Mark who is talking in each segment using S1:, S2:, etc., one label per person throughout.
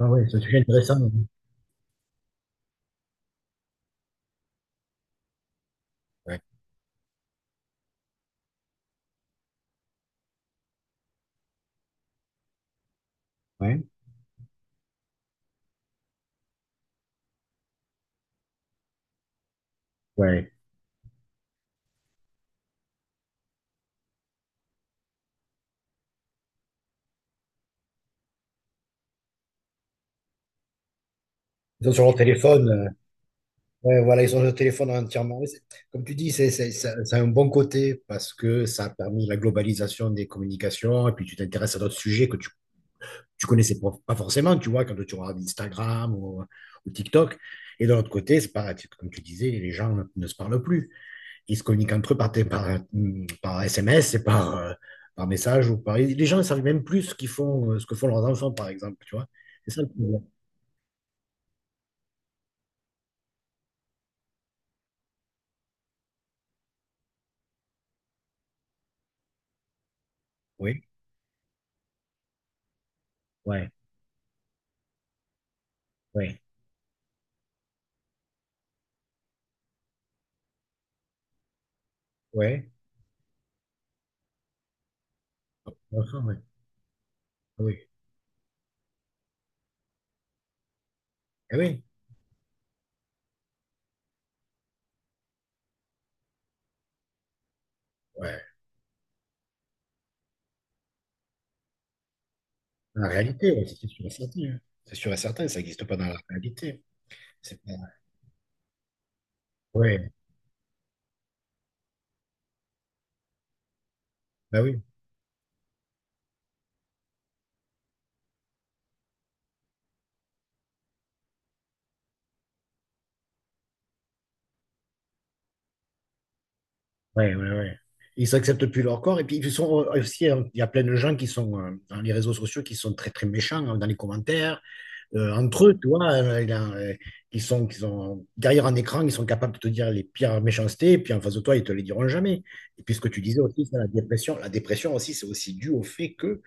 S1: Ah ouais, c'est un sujet intéressant, hein. Ouais. Ouais. Ils sont sur leur téléphone. Ouais, voilà, ils sont sur leur téléphone entièrement. Comme tu dis, ça a un bon côté parce que ça a permis la globalisation des communications, et puis tu t'intéresses à d'autres sujets que tu connaissais pas forcément, tu vois, quand tu regardes Instagram ou TikTok. Et de l'autre côté, c'est pareil, comme tu disais, les gens ne se parlent plus. Ils se communiquent entre eux par SMS et par message ou par... Les gens ne savent même plus ce qu'ils font, ce que font leurs enfants, par exemple, tu vois. C'est ça le problème. Oui. Ouais, ouais, ouais. Enfin, ouais. Ah oui, eh oui, ouais. Dans la réalité, ouais, c'est sûr et certain, hein. C'est sûr et certain, ça n'existe pas dans la réalité. C'est pas... Ouais, bah oui, ouais, ouais, ouais. Ils acceptent plus leur corps, et puis ils sont aussi, hein, il y a plein de gens qui sont dans les réseaux sociaux qui sont très très méchants, hein, dans les commentaires. Entre eux, tu vois, ils sont derrière un écran, ils sont capables de te dire les pires méchancetés, et puis en face de toi, ils te les diront jamais. Et puis ce que tu disais aussi, c'est la dépression. La dépression aussi, c'est aussi dû au fait que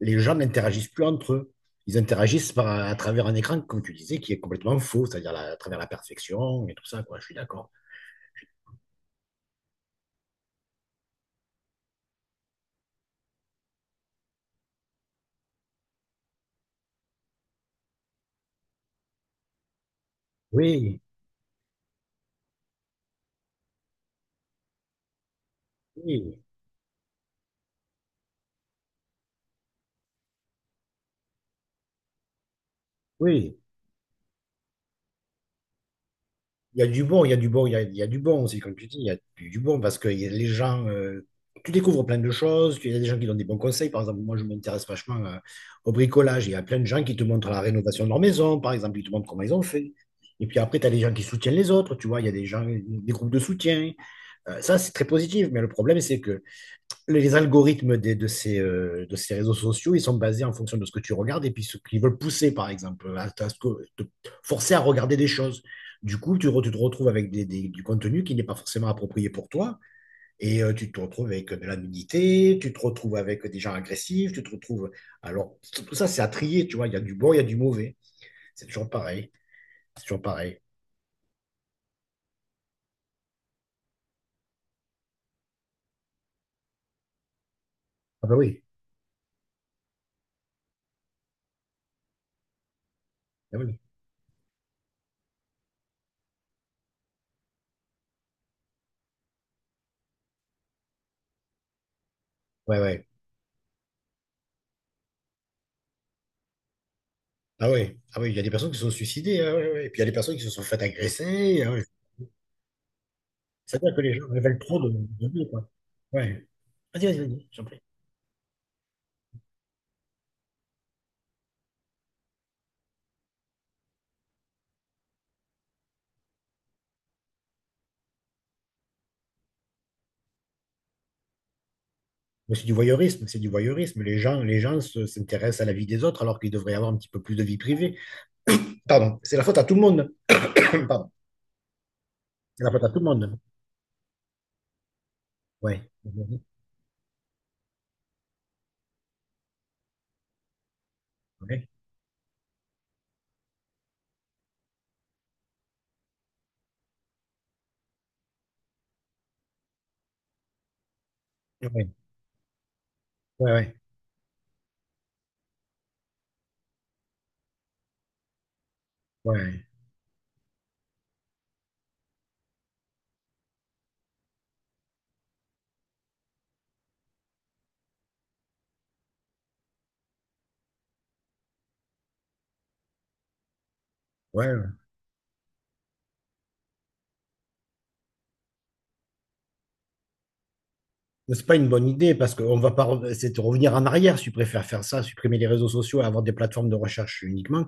S1: les gens n'interagissent plus entre eux. Ils interagissent à travers un écran, comme tu disais, qui est complètement faux, c'est-à-dire à travers la perfection et tout ça, quoi. Je suis d'accord. Oui, oui, oui. Il y a du bon, il y a du bon, il y a du bon aussi, comme tu dis, il y a du bon parce que il y a les gens, tu découvres plein de choses, il y a des gens qui donnent des bons conseils. Par exemple, moi, je m'intéresse vachement au bricolage. Il y a plein de gens qui te montrent la rénovation de leur maison, par exemple, ils te montrent comment ils ont fait. Et puis après, tu as des gens qui soutiennent les autres, tu vois, il y a des gens, des groupes de soutien. Ça, c'est très positif, mais le problème, c'est que les algorithmes de ces réseaux sociaux, ils sont basés en fonction de ce que tu regardes, et puis ce qu'ils veulent pousser, par exemple, te forcer à regarder des choses. Du coup, tu te retrouves avec du contenu qui n'est pas forcément approprié pour toi, et tu te retrouves avec de la nudité, tu te retrouves avec des gens agressifs, tu te retrouves... Alors, tout tout ça, c'est à trier, tu vois, il y a du bon, il y a du mauvais. C'est toujours pareil, c'est toujours pareil. Ah bah oui, ah oui, ouais, ouais. Ah oui, ah oui, il y a des personnes qui se sont suicidées, ah ouais, ouais. Ouais. Et puis il y a des personnes qui se sont faites agresser, ah ouais. C'est-à-dire que les gens révèlent trop de nous, quoi. Ouais. Vas-y, vas-y, vas-y, j'en prie. Mais c'est du voyeurisme, c'est du voyeurisme. Les gens s'intéressent à la vie des autres, alors qu'ils devraient avoir un petit peu plus de vie privée. Pardon, c'est la faute à tout le monde. Pardon, c'est la faute à tout le monde. Ouais. Ouais. Ouais. Ouais. Ouais. Ouais. Ouais. C'est pas une bonne idée parce qu'on va pas, c'est de revenir en arrière si tu préfères faire ça, supprimer les réseaux sociaux et avoir des plateformes de recherche uniquement,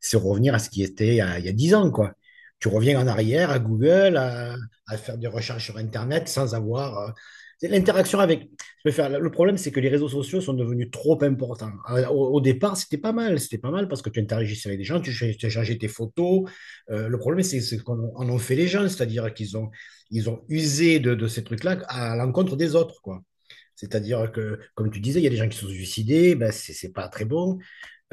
S1: c'est revenir à ce qui était il y a 10 ans, quoi. Tu reviens en arrière à Google, à faire des recherches sur Internet sans avoir c'est l'interaction avec. Le problème, c'est que les réseaux sociaux sont devenus trop importants. Au départ, c'était pas mal parce que tu interagissais avec des gens, tu échangeais tes photos. Le problème, c'est qu'on en ont fait les gens, c'est-à-dire qu'ils ont usé de ces trucs-là à l'encontre des autres, quoi. C'est-à-dire que, comme tu disais, il y a des gens qui sont suicidés, ben c'est pas très bon,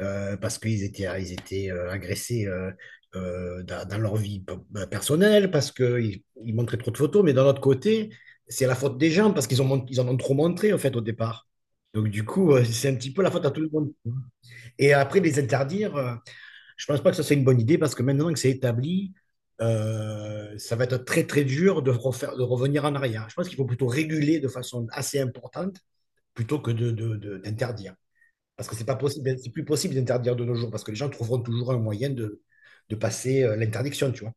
S1: parce qu'ils étaient agressés, dans leur vie personnelle, parce qu'ils montraient trop de photos, mais d'un autre côté, c'est la faute des gens parce qu'ils en ont trop montré en fait au départ. Donc du coup, c'est un petit peu la faute à tout le monde. Et après, les interdire, je pense pas que ça, c'est une bonne idée parce que maintenant que c'est établi, ça va être très, très dur de revenir en arrière. Je pense qu'il faut plutôt réguler de façon assez importante plutôt que d'interdire. Parce que c'est pas possible, c'est plus possible d'interdire de nos jours parce que les gens trouveront toujours un moyen de passer l'interdiction, tu vois.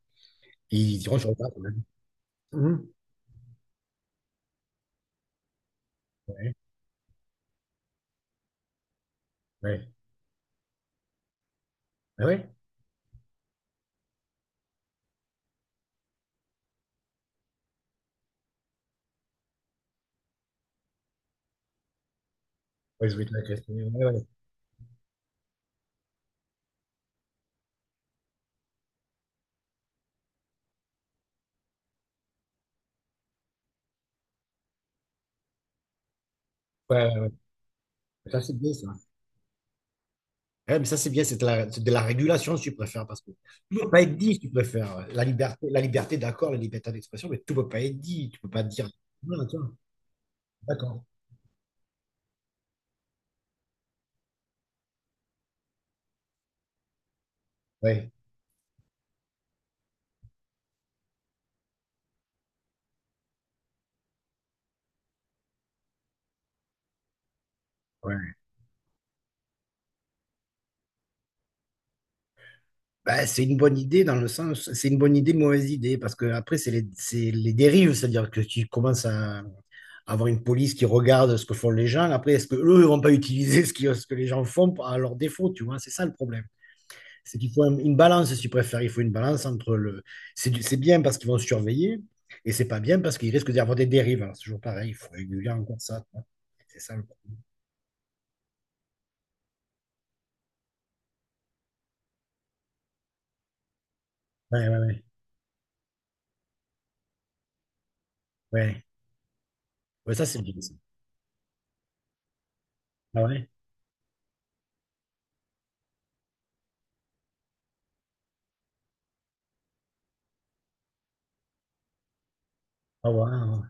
S1: Ils diront sur le tas. Mhm. Ouais, ouais. Ah ouais, ouais, je vais te la question. Ouais, ouais. Ouais, ouais. Ouais. Ça, c'est bien, ça. Ouais, mais ça, c'est bien, c'est de la régulation, si tu préfères, parce que tout ne peut pas être dit, si tu préfères. La liberté, d'accord, la liberté d'expression, mais tout ne peut pas être dit. Tu ne peux pas dire. Voilà, tiens. D'accord. Ouais. Ouais. Bah, c'est une bonne idée dans le sens, c'est une bonne idée, mauvaise idée, parce que après, c'est les dérives, c'est-à-dire que tu commences à avoir une police qui regarde ce que font les gens. Après, est-ce que eux ne vont pas utiliser ce que les gens font à leur défaut, tu vois? C'est ça le problème. C'est qu'il faut une balance, si tu préfères. Il faut une balance entre le. C'est bien parce qu'ils vont surveiller, et c'est pas bien parce qu'ils risquent d'y avoir des dérives. Alors, c'est toujours pareil, il faut réguler encore ça, tu vois. C'est ça le problème. Ouais, ouais, ouais. Ouais, ouais, ça, c'est bien, ça. Ah ouais? Ah ouais, ah ouais.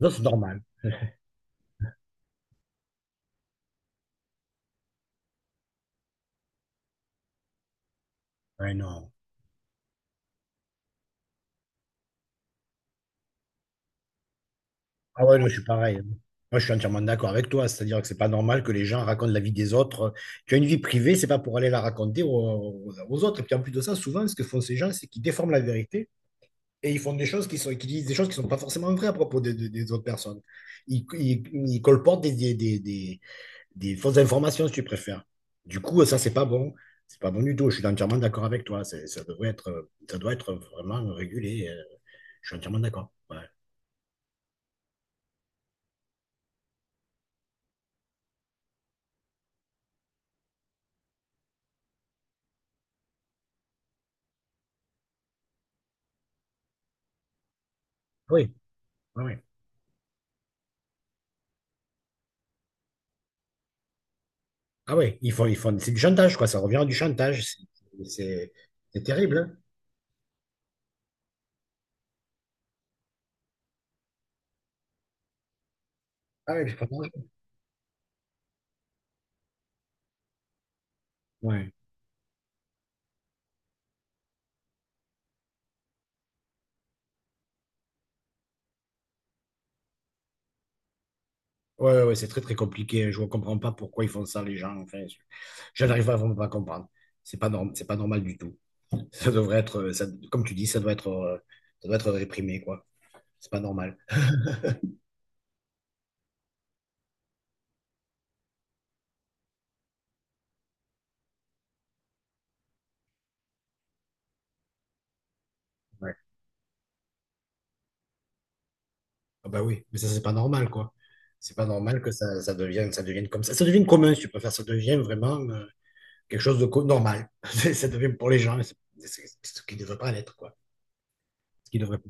S1: Non, c'est normal. Ouais, non. Ah ouais, non, je suis pareil, hein. Moi, je suis entièrement d'accord avec toi. C'est-à-dire que c'est pas normal que les gens racontent la vie des autres. Tu as une vie privée, c'est pas pour aller la raconter aux autres. Et puis en plus de ça, souvent, ce que font ces gens, c'est qu'ils déforment la vérité. Et ils font des choses qui disent des choses qui sont pas forcément vraies à propos des autres personnes. Ils colportent des fausses informations, si tu préfères. Du coup, ça, c'est pas bon. C'est pas bon du tout. Je suis entièrement d'accord avec toi. Ça doit être vraiment régulé. Je suis entièrement d'accord. Ouais. Oui, oui, ah oui. Ah oui, ils font, c'est du chantage, quoi. Ça revient à du chantage. C'est- c'est terrible, hein. Ah oui, c'est pas dangereux. Ouais. Ouais, ouais, ouais, c'est très, très compliqué. Je ne comprends pas pourquoi ils font ça, les gens. Enfin, je n'arrive pas vraiment pas à comprendre. C'est pas normal du tout. Ça devrait être, ça- Comme tu dis, ça doit être réprimé, quoi. C'est pas normal. Ouais. Ah bah oui, mais ça, c'est pas normal, quoi. C'est pas normal que ça devienne comme ça. Ça devient commun, si tu préfères. Ça devient vraiment quelque chose de normal. Ça devient pour les gens. C'est ce qui ne devrait pas l'être, quoi. Ce qui devrait pas.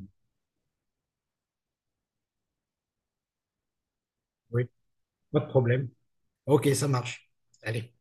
S1: Oui, pas de problème. Ok, ça marche. Allez.